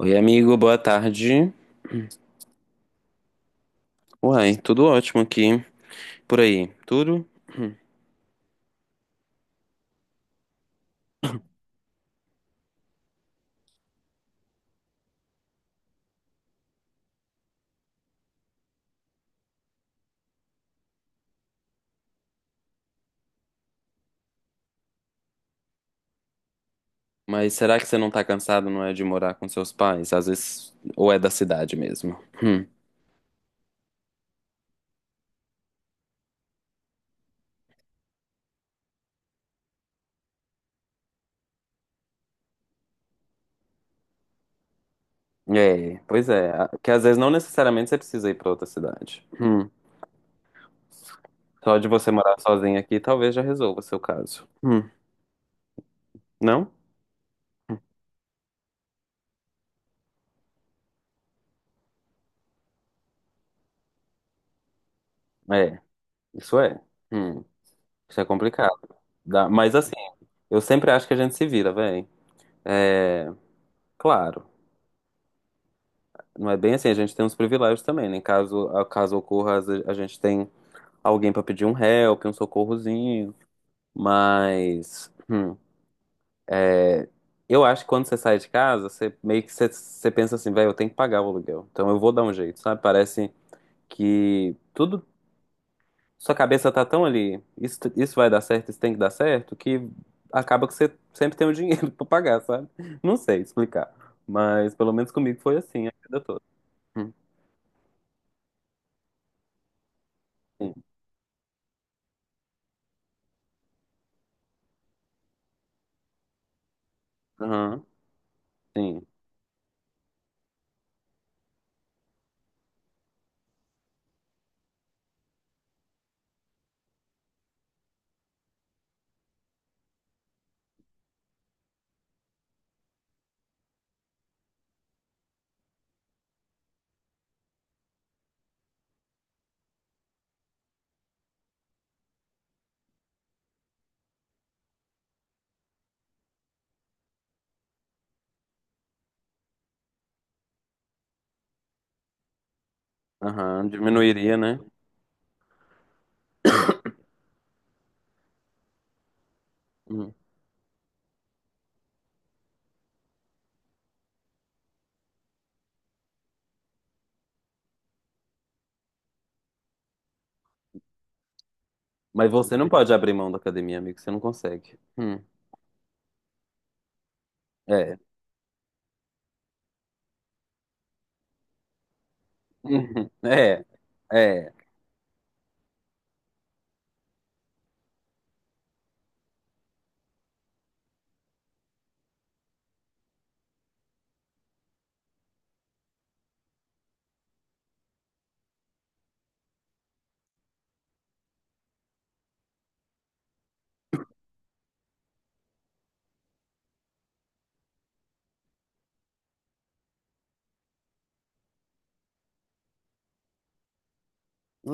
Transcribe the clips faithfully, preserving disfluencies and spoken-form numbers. Oi, amigo, boa tarde. Uai, tudo ótimo aqui. Por aí, tudo? Hum. Mas será que você não tá cansado, não é, de morar com seus pais? Às vezes, ou é da cidade mesmo? Hum. É, pois é. a- Que às vezes não necessariamente você precisa ir pra outra cidade. Hum. Só de você morar sozinho aqui, talvez já resolva o seu caso. Hum. Não? É, isso é. Hum. Isso é complicado. Dá- Mas assim, eu sempre acho que a gente se vira, véi. É, claro. Não é bem assim, a gente tem uns privilégios também, né? Caso, a- caso ocorra, às vezes a gente tem alguém pra pedir um help, um socorrozinho. Mas hum, é, eu acho que quando você sai de casa, você meio que você, você pensa assim, velho, eu tenho que pagar o aluguel. Então eu vou dar um jeito, sabe? Parece que tudo, sua cabeça tá tão ali, isso, isso, vai dar certo, isso tem que dar certo, que acaba que você sempre tem o dinheiro pra pagar, sabe? Não sei explicar. Mas pelo menos comigo foi assim a vida toda. Hum, Sim. Aham, sim. Aham, diminuiria, né? Uhum. Mas você não pode abrir mão da academia, amigo, você não consegue. Hum, É. Uhum. É. É.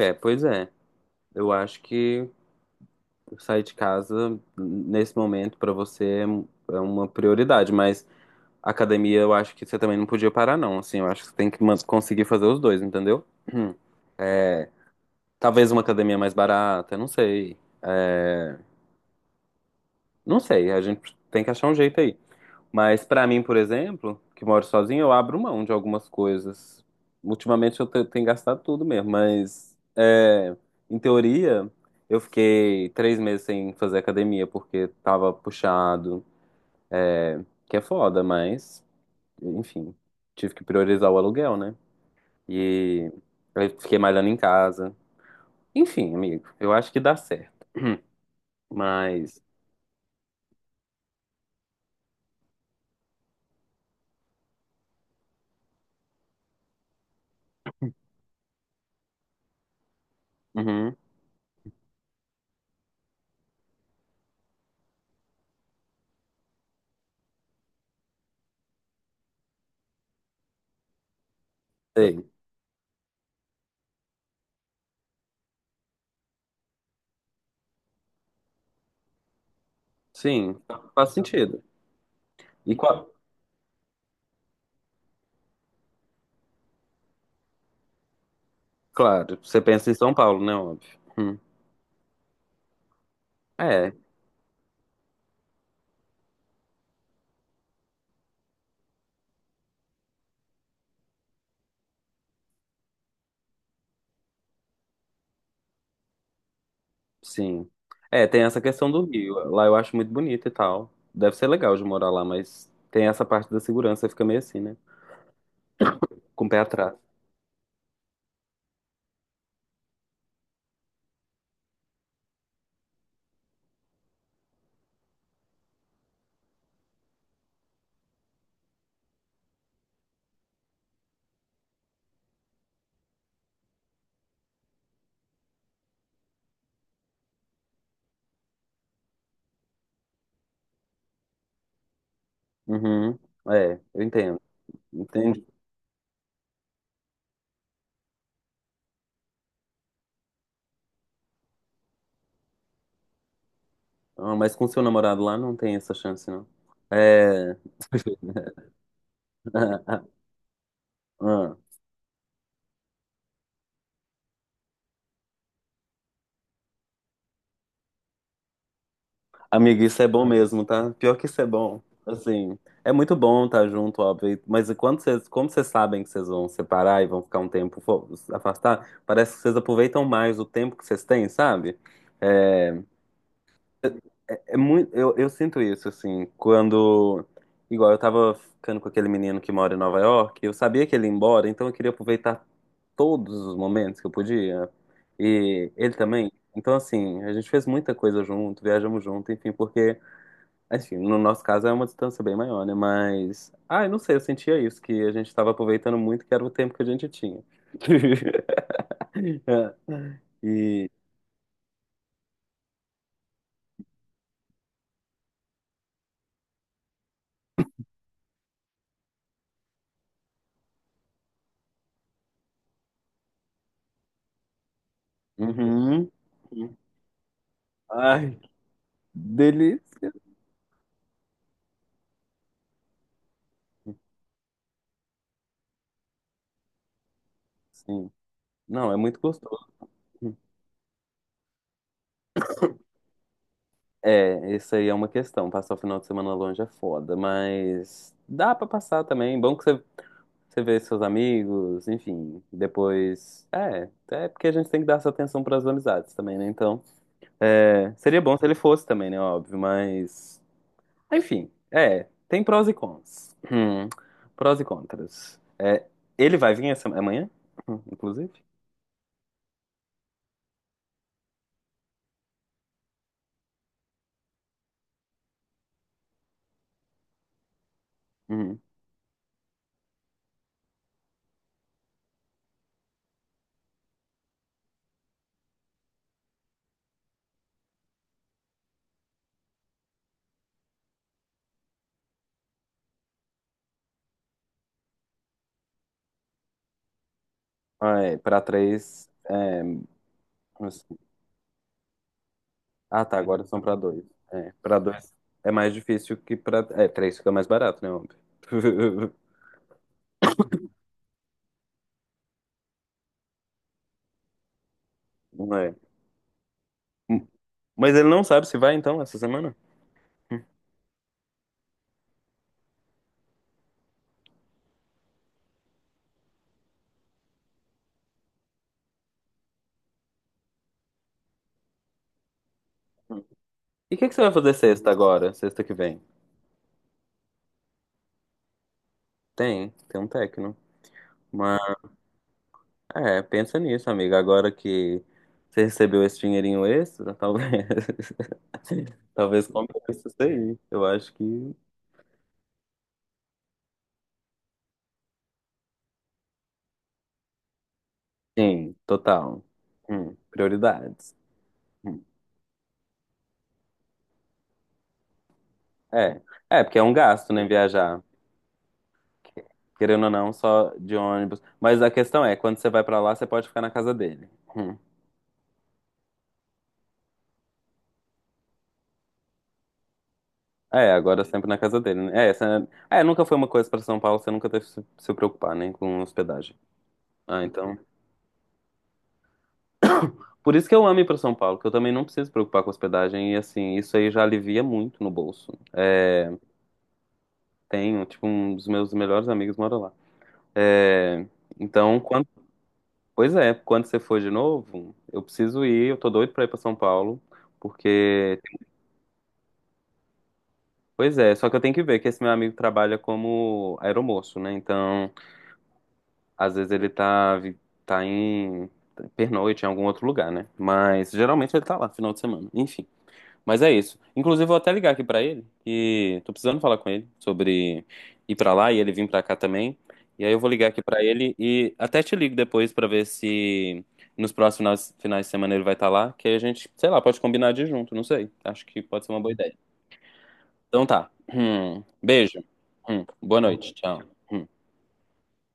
É, pois é. Eu acho que sair de casa nesse momento pra você é um, é uma prioridade, mas academia eu acho que você também não podia parar, não. Assim, eu acho que você tem que man- conseguir fazer os dois, entendeu? Uhum. É. Talvez uma academia mais barata, não sei. É, não sei, a gente tem que achar um jeito aí. Mas pra mim, por exemplo, que moro sozinho, eu abro mão de algumas coisas. Ultimamente eu te- tenho gastado tudo mesmo, mas é, em teoria eu fiquei três meses sem fazer academia porque tava puxado, que é foda, mas enfim, tive que priorizar o aluguel, né? E aí fiquei malhando em casa. Enfim, amigo, eu acho que dá certo, mas uhum, sei. Sim, faz sentido. E qua- claro, você pensa em São Paulo, né, óbvio. Hum. É, sim. É, tem essa questão do Rio. Lá eu acho muito bonito e tal. Deve ser legal de morar lá, mas tem essa parte da segurança, fica meio assim, né? Com o pé atrás. Uhum. É, eu entendo. Entendi. Ah, mas com seu namorado lá não tem essa chance, não. É. Ah, amigo, isso é bom mesmo, tá? Pior que isso é bom. Assim, é muito bom estar junto, óbvio. Mas quando vocês, como vocês sabem que vocês vão separar e vão ficar um tempo fo- afastar, parece que vocês aproveitam mais o tempo que vocês têm, sabe? É, é muito, eu, eu sinto isso, assim, quando. Igual eu tava ficando com aquele menino que mora em Nova York, eu sabia que ele ia embora, então eu queria aproveitar todos os momentos que eu podia. E ele também. Então, assim, a gente fez muita coisa junto, viajamos junto, enfim, porque. Assim, no nosso caso é uma distância bem maior, né? Mas. Ah, eu não sei, eu sentia isso, que a gente estava aproveitando muito, que era o tempo que a gente tinha. É. E. Uhum. Ai, que delícia! Sim. Não, é muito gostoso. É, isso aí é uma questão. Passar o final de semana longe é foda, mas dá pra passar também. Bom que você, você vê seus amigos, enfim. Depois. É, é porque a gente tem que dar essa atenção pras amizades também, né? Então. É, seria bom se ele fosse também, né? Óbvio, mas. Enfim, é. Tem prós e cons. Hum, prós e contras. É, ele vai vir essa é amanhã, hum, inclusive? Hum. Ah, é, pra três. É, menos- ah, tá, agora são pra dois. É, pra dois é mais difícil que pra. É, três fica mais barato, né? Óbvio. Não é. Hum, Mas ele não sabe se vai então essa semana? E o que que você vai fazer sexta agora? Sexta que vem? Tem, tem um tecno. É, pensa nisso, amiga. Agora que você recebeu esse dinheirinho extra, talvez, talvez compense isso aí. Eu acho que sim, total. Hum, prioridades. Hum, É, é porque é um gasto, né, viajar. Querendo ou não, só de ônibus. Mas a questão é, quando você vai pra lá, você pode ficar na casa dele. Hum. É, agora sempre na casa dele, né? É, essa- é, nunca foi uma coisa pra São Paulo, você nunca teve que se se preocupar, né, com hospedagem. Ah, então por isso que eu amo ir para São Paulo, que eu também não preciso me preocupar com hospedagem e assim, isso aí já alivia muito no bolso. É, tenho, tipo, um dos meus melhores amigos mora lá. É, então, quando, pois é, quando você for de novo, eu preciso ir, eu tô doido para ir para São Paulo, porque, pois é, só que eu tenho que ver que esse meu amigo trabalha como aeromoço, né? Então, às vezes ele tá vi- tá em tá, pernoite em algum outro lugar, né? Mas geralmente ele tá lá final de semana. Enfim. Mas é isso. Inclusive, vou até ligar aqui pra ele, que tô precisando falar com ele sobre ir pra lá e ele vir pra cá também. E aí eu vou ligar aqui pra ele e até te ligo depois pra ver se nos próximos finais de semana ele vai estar lá, que aí a gente, sei lá, pode combinar de ir junto, não sei. Acho que pode ser uma boa ideia. Então tá. Hum. Beijo. Hum. Boa noite. Tchau. Hum.